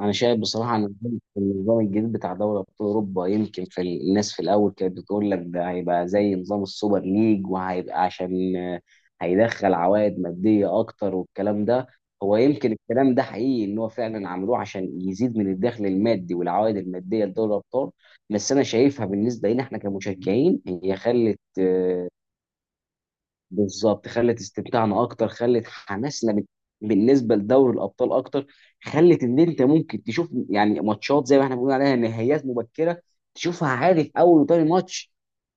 انا شايف بصراحه ان النظام الجديد بتاع دوري ابطال اوروبا يمكن في الناس في الاول كانت بتقول لك ده هيبقى زي نظام السوبر ليج وهيبقى عشان هيدخل عوائد ماديه اكتر والكلام ده. هو يمكن الكلام ده حقيقي ان هو فعلا عملوه عشان يزيد من الدخل المادي والعوائد الماديه لدوري الابطال. بس انا شايفها بالنسبه لنا احنا كمشجعين هي خلت بالظبط، خلت استمتاعنا اكتر، خلت حماسنا بالنسبه لدوري الابطال اكتر. خلت ان انت ممكن تشوف يعني ماتشات زي ما احنا بنقول عليها نهائيات مبكره، تشوفها عادي في اول وتاني ماتش.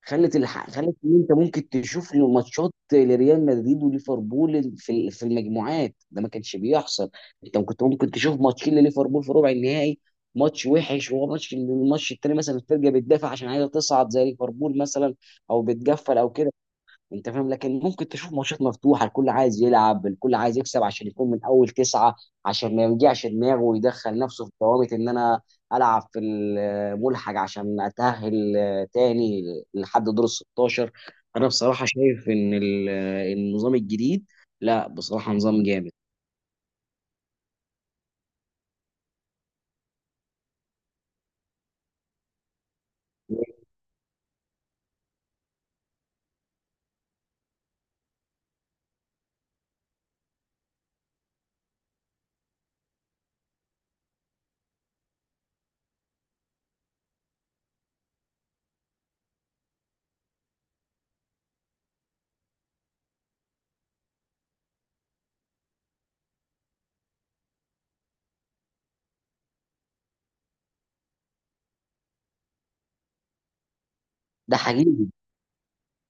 خلت ان انت ممكن تشوف إن ماتشات لريال مدريد وليفربول في المجموعات ده ما كانش بيحصل. انت كنت ممكن تشوف ماتشين لليفربول في ربع النهائي، ماتش وحش وهو الماتش التاني مثلا، الفرقه بتدافع عشان عايزه تصعد زي ليفربول مثلا، او بتقفل او كده. انت فاهم، لكن ممكن تشوف ماتشات مفتوحه، الكل عايز يلعب، الكل عايز يكسب عشان يكون من اول تسعه، عشان ما يوجعش دماغه ويدخل نفسه في ضوابط ان انا العب في الملحق عشان اتاهل تاني لحد دور ال 16. انا بصراحه شايف ان النظام الجديد، لا بصراحه نظام جامد. ده حقيقي،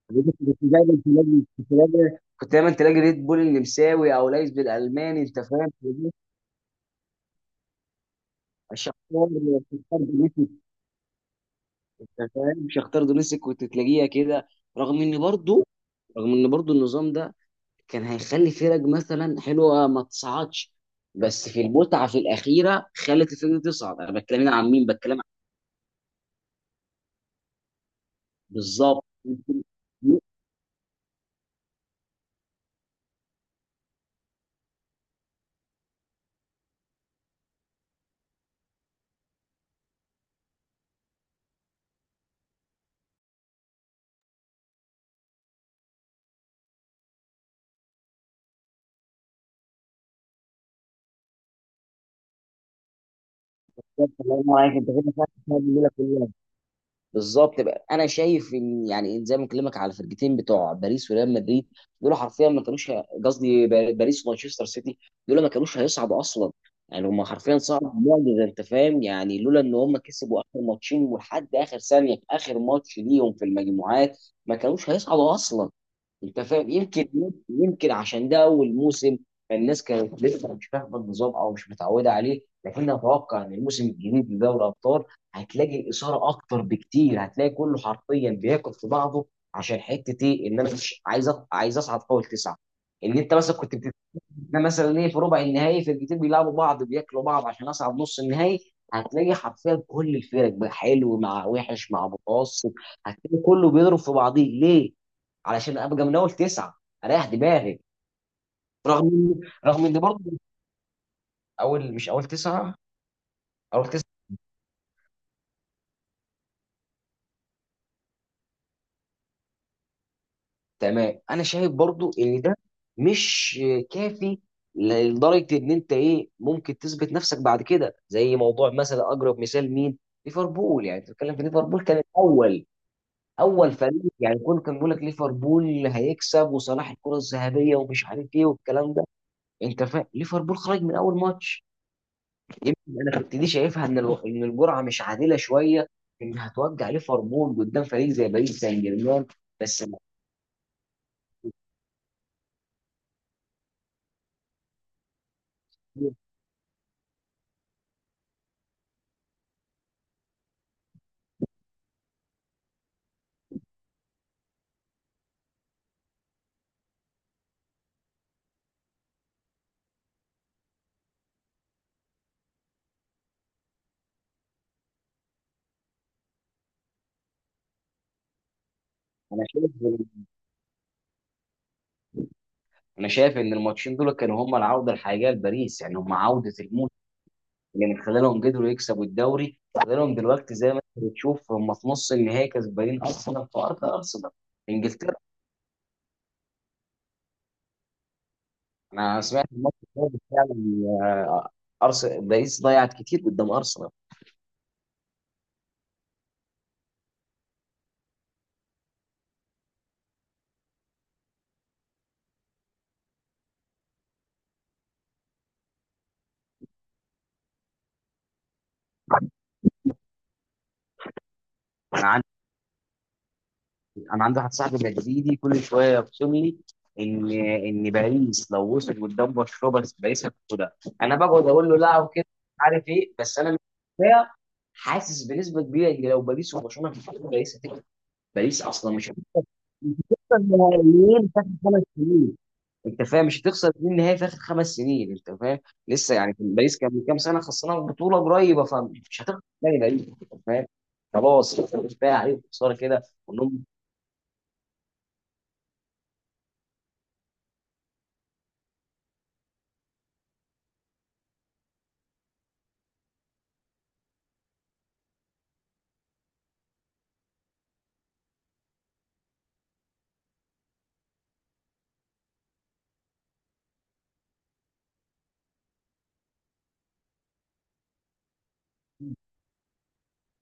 كنت دايما كنت دايما تلاقي ريد بول النمساوي او ليس بالالماني، انت فاهم، الشعار. انت فاهم، مش هختار دونيسك، كنت تلاقيها كده. رغم ان برضو رغم ان برضو النظام ده كان هيخلي فرق مثلا حلوه ما تصعدش، بس في المتعه في الاخيره خلت الفرق دي تصعد. انا بتكلم هنا عن مين، بالظبط. بالظبط بقى، انا شايف ان يعني زي ما بكلمك على الفرقتين بتوع باريس وريال مدريد، دول حرفيا ما كانوش باريس ومانشستر سيتي، دول ما كانوش هيصعدوا اصلا. يعني هم حرفيا صعدوا معجزه، انت فاهم، يعني لولا ان هم كسبوا اخر ماتشين ولحد اخر ثانيه في اخر ماتش ليهم في المجموعات ما كانوش هيصعدوا اصلا. انت فاهم، يمكن عشان ده اول موسم فالناس كانت لسه مش فاهمه النظام او مش متعوده عليه، لكن اتوقع ان الموسم الجديد لدوري الابطال هتلاقي اثاره اكتر بكتير، هتلاقي كله حرفيا بياكل في بعضه عشان حته ايه، ان انا مش عايز عايز اصعد فوق التسعه. ان انت مثلا ده مثلا ايه، في ربع النهائي فرقتين بيلعبوا بعض بياكلوا بعض عشان اصعد نص النهائي. هتلاقي حرفيا كل الفرق بقى، حلو مع وحش مع متوسط، هتلاقي كله بيضرب في بعضيه. ليه؟ علشان ابقى من اول تسعه، اريح دماغي. رغم ان رغم ان برضه اول، مش اول تسعه، اول تسعه. تمام، انا شايف برضه ان ده مش كافي، لدرجه ان انت ايه ممكن تثبت نفسك بعد كده، زي موضوع مثلا، اقرب مثال مين؟ ليفربول. يعني أنت بتتكلم في ليفربول كان الاول، اول فريق، يعني كل كان بيقول لك ليفربول هيكسب وصلاح الكره الذهبيه ومش عارف ايه والكلام ده. انت فاهم، ليفربول خرج من اول ماتش. يمكن انا كنت دي شايفها ان ان الجرعه مش عادله شويه، انها توجع ليفربول قدام فريق زي باريس سان جيرمان. بس انا شايف انا شايف ان الماتشين دول كانوا هم العوده الحقيقيه لباريس، يعني هم عوده الموسم، اللي من خلالهم قدروا يكسبوا الدوري. خلالهم دلوقتي زي ما انت بتشوف هم في نص النهائي كسبانين ارسنال في ارض ارسنال، انجلترا. انا سمعت الماتش ده فعلا، ارسنال، باريس ضيعت كتير قدام ارسنال. انا انا عندي واحد صاحبي مدريدي كل شويه يرسم لي ان باريس لو وصل قدام برشلونه بس باريس هتاخدها. انا بقعد اقول له لا وكده مش عارف ايه، بس انا مش كفاية، حاسس بنسبه كبيره ان لو باريس وبرشلونه هتاخد، باريس هتكسب. باريس اصلا مش هتخسر نهائيين في اخر خمس سنين، انت فاهم، مش هتخسر اتنين نهائي في اخر خمس سنين. انت فاهم، لسه يعني كان باريس كان من كام سنه خسرانه بطوله قريبه، فمش هتخسر تاني باريس. انت فاهم، خلاص كفايه عليهم خساره كده.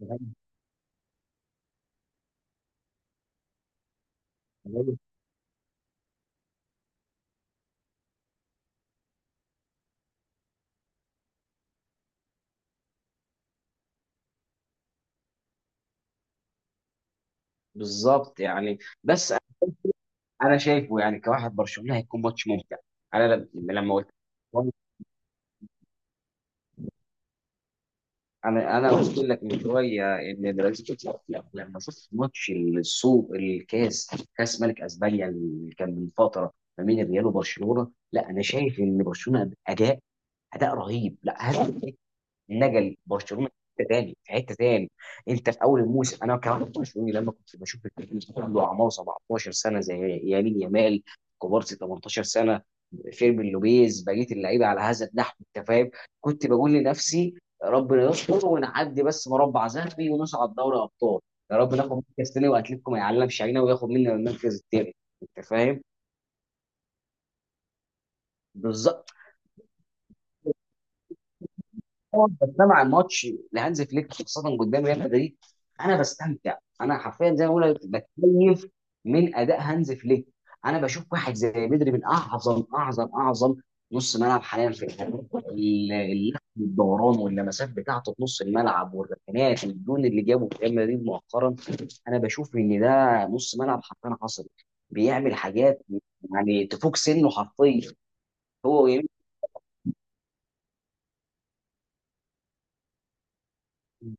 وانهم بالظبط يعني، بس انا شايفه يعني كواحد برشلونه هيكون ماتش ممتع. انا لما قلت، انا قلت لك من شويه ان برازيل، لما شفت ماتش السوق الكاس، كاس ملك اسبانيا اللي كان من فتره ما بين الريال وبرشلونه، لا انا شايف ان برشلونه اداء اداء رهيب لا هدف، نقل برشلونه في حته تاني، في حته تاني. انت في اول الموسم انا كمان برشلوني لما كنت بشوف الفريق عنده اعمار 17 سنه زي يمين يامال، كوبارسي 18 سنه، فيرمين لوبيز، بقيه اللعيبه على هذا النحو. انت فاهم، كنت بقول لنفسي ربنا يستر ونعدي بس مربع ذهبي ونصعد دوري ابطال، يا رب ناخد مركز تاني واتلتيكو ما يعلمش علينا وياخد مننا المركز التاني. انت فاهم، بالظبط. طبعاً بستمع عن ماتش لهانز فليك خاصه قدام ريال مدريد، انا بستمتع، انا حرفيا زي ما بقول لك بتكيف من اداء هانز فليك. انا بشوف واحد زي بدري من اعظم نص ملعب حاليا في الحقيقة. اللحم والدوران واللمسات بتاعته في نص الملعب والركنات والجون اللي جابه في ريال مدريد مؤخرا، انا بشوف ان ده نص ملعب حرفيا حصري، بيعمل حاجات يعني تفوق سنه حرفيا. هو يمكن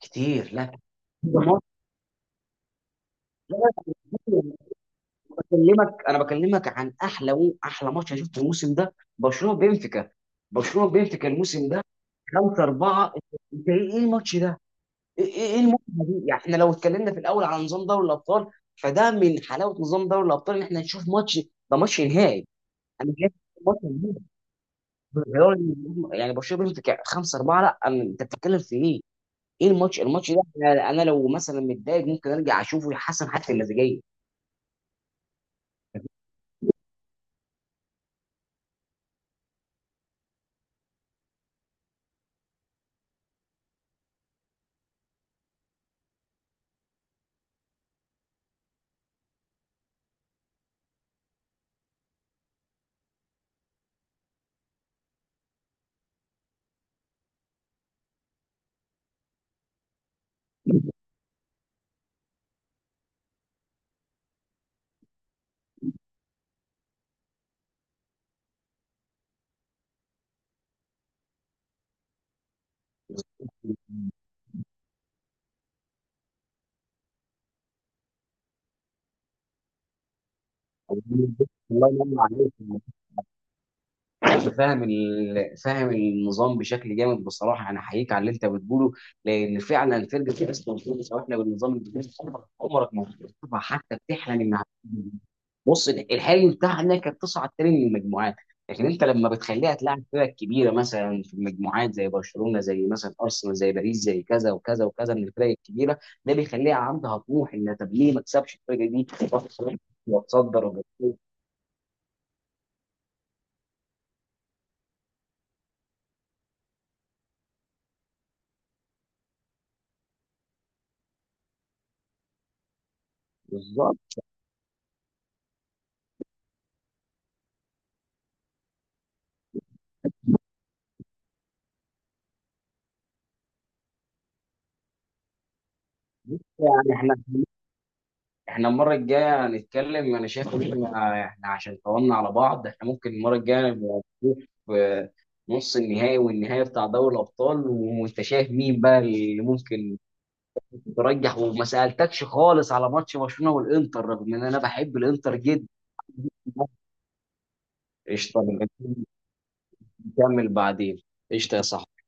كتير. لا بكلمك، انا بكلمك عن احلى احلى ماتش انا شفته الموسم ده، برشلونه بنفيكا. برشلونه بنفيكا الموسم ده 5-4، انت ايه، إيه الماتش ده؟ ايه ايه، إيه المتعه دي؟ يعني احنا لو اتكلمنا في الاول على نظام دوري الابطال، فده من حلاوه نظام دوري الابطال ان احنا نشوف ماتش ده ماتش نهائي. انا شايف ماتش نهائي. غير إن- يعني برشلونه بنفيكا 5-4، لا انت بتتكلم في ايه؟ ايه الماتش ده، انا لو مثلا متضايق ممكن ارجع اشوفه يحسن حتى المزاجيه. الله ينور عليك. انت فاهم فاهم النظام بشكل جامد بصراحه، انا احييك على اللي انت بتقوله، لان فعلا فرقه اسمها بتقول احنا بالنظام الجديد عمرك ما هتشوفها حتى بتحلم انها هتيجي. بص، الحلم بتاعنا كانت تصعد تاني من المجموعات، لكن انت لما بتخليها تلعب فرق كبيره مثلا في المجموعات زي برشلونه، زي مثلا ارسنال، زي باريس، زي كذا وكذا وكذا من الفرق الكبيره، ده بيخليها عندها طموح ان طب ليه ما تكسبش الفرقه دي وتصدر وبتصدر. بالظبط. يعني احنا المرة الجاية هنتكلم، انا شايف ان احنا عشان طولنا على بعض احنا ممكن المرة الجاية نبقى نشوف آه، نص النهائي والنهائي بتاع دوري الابطال، وانت شايف مين بقى اللي ممكن ترجح. وما سألتكش خالص على ماتش برشلونة والانتر رغم ان انا بحب الانتر جدا. قشطة، نبقى نكمل بعدين. قشطة يا صاحبي.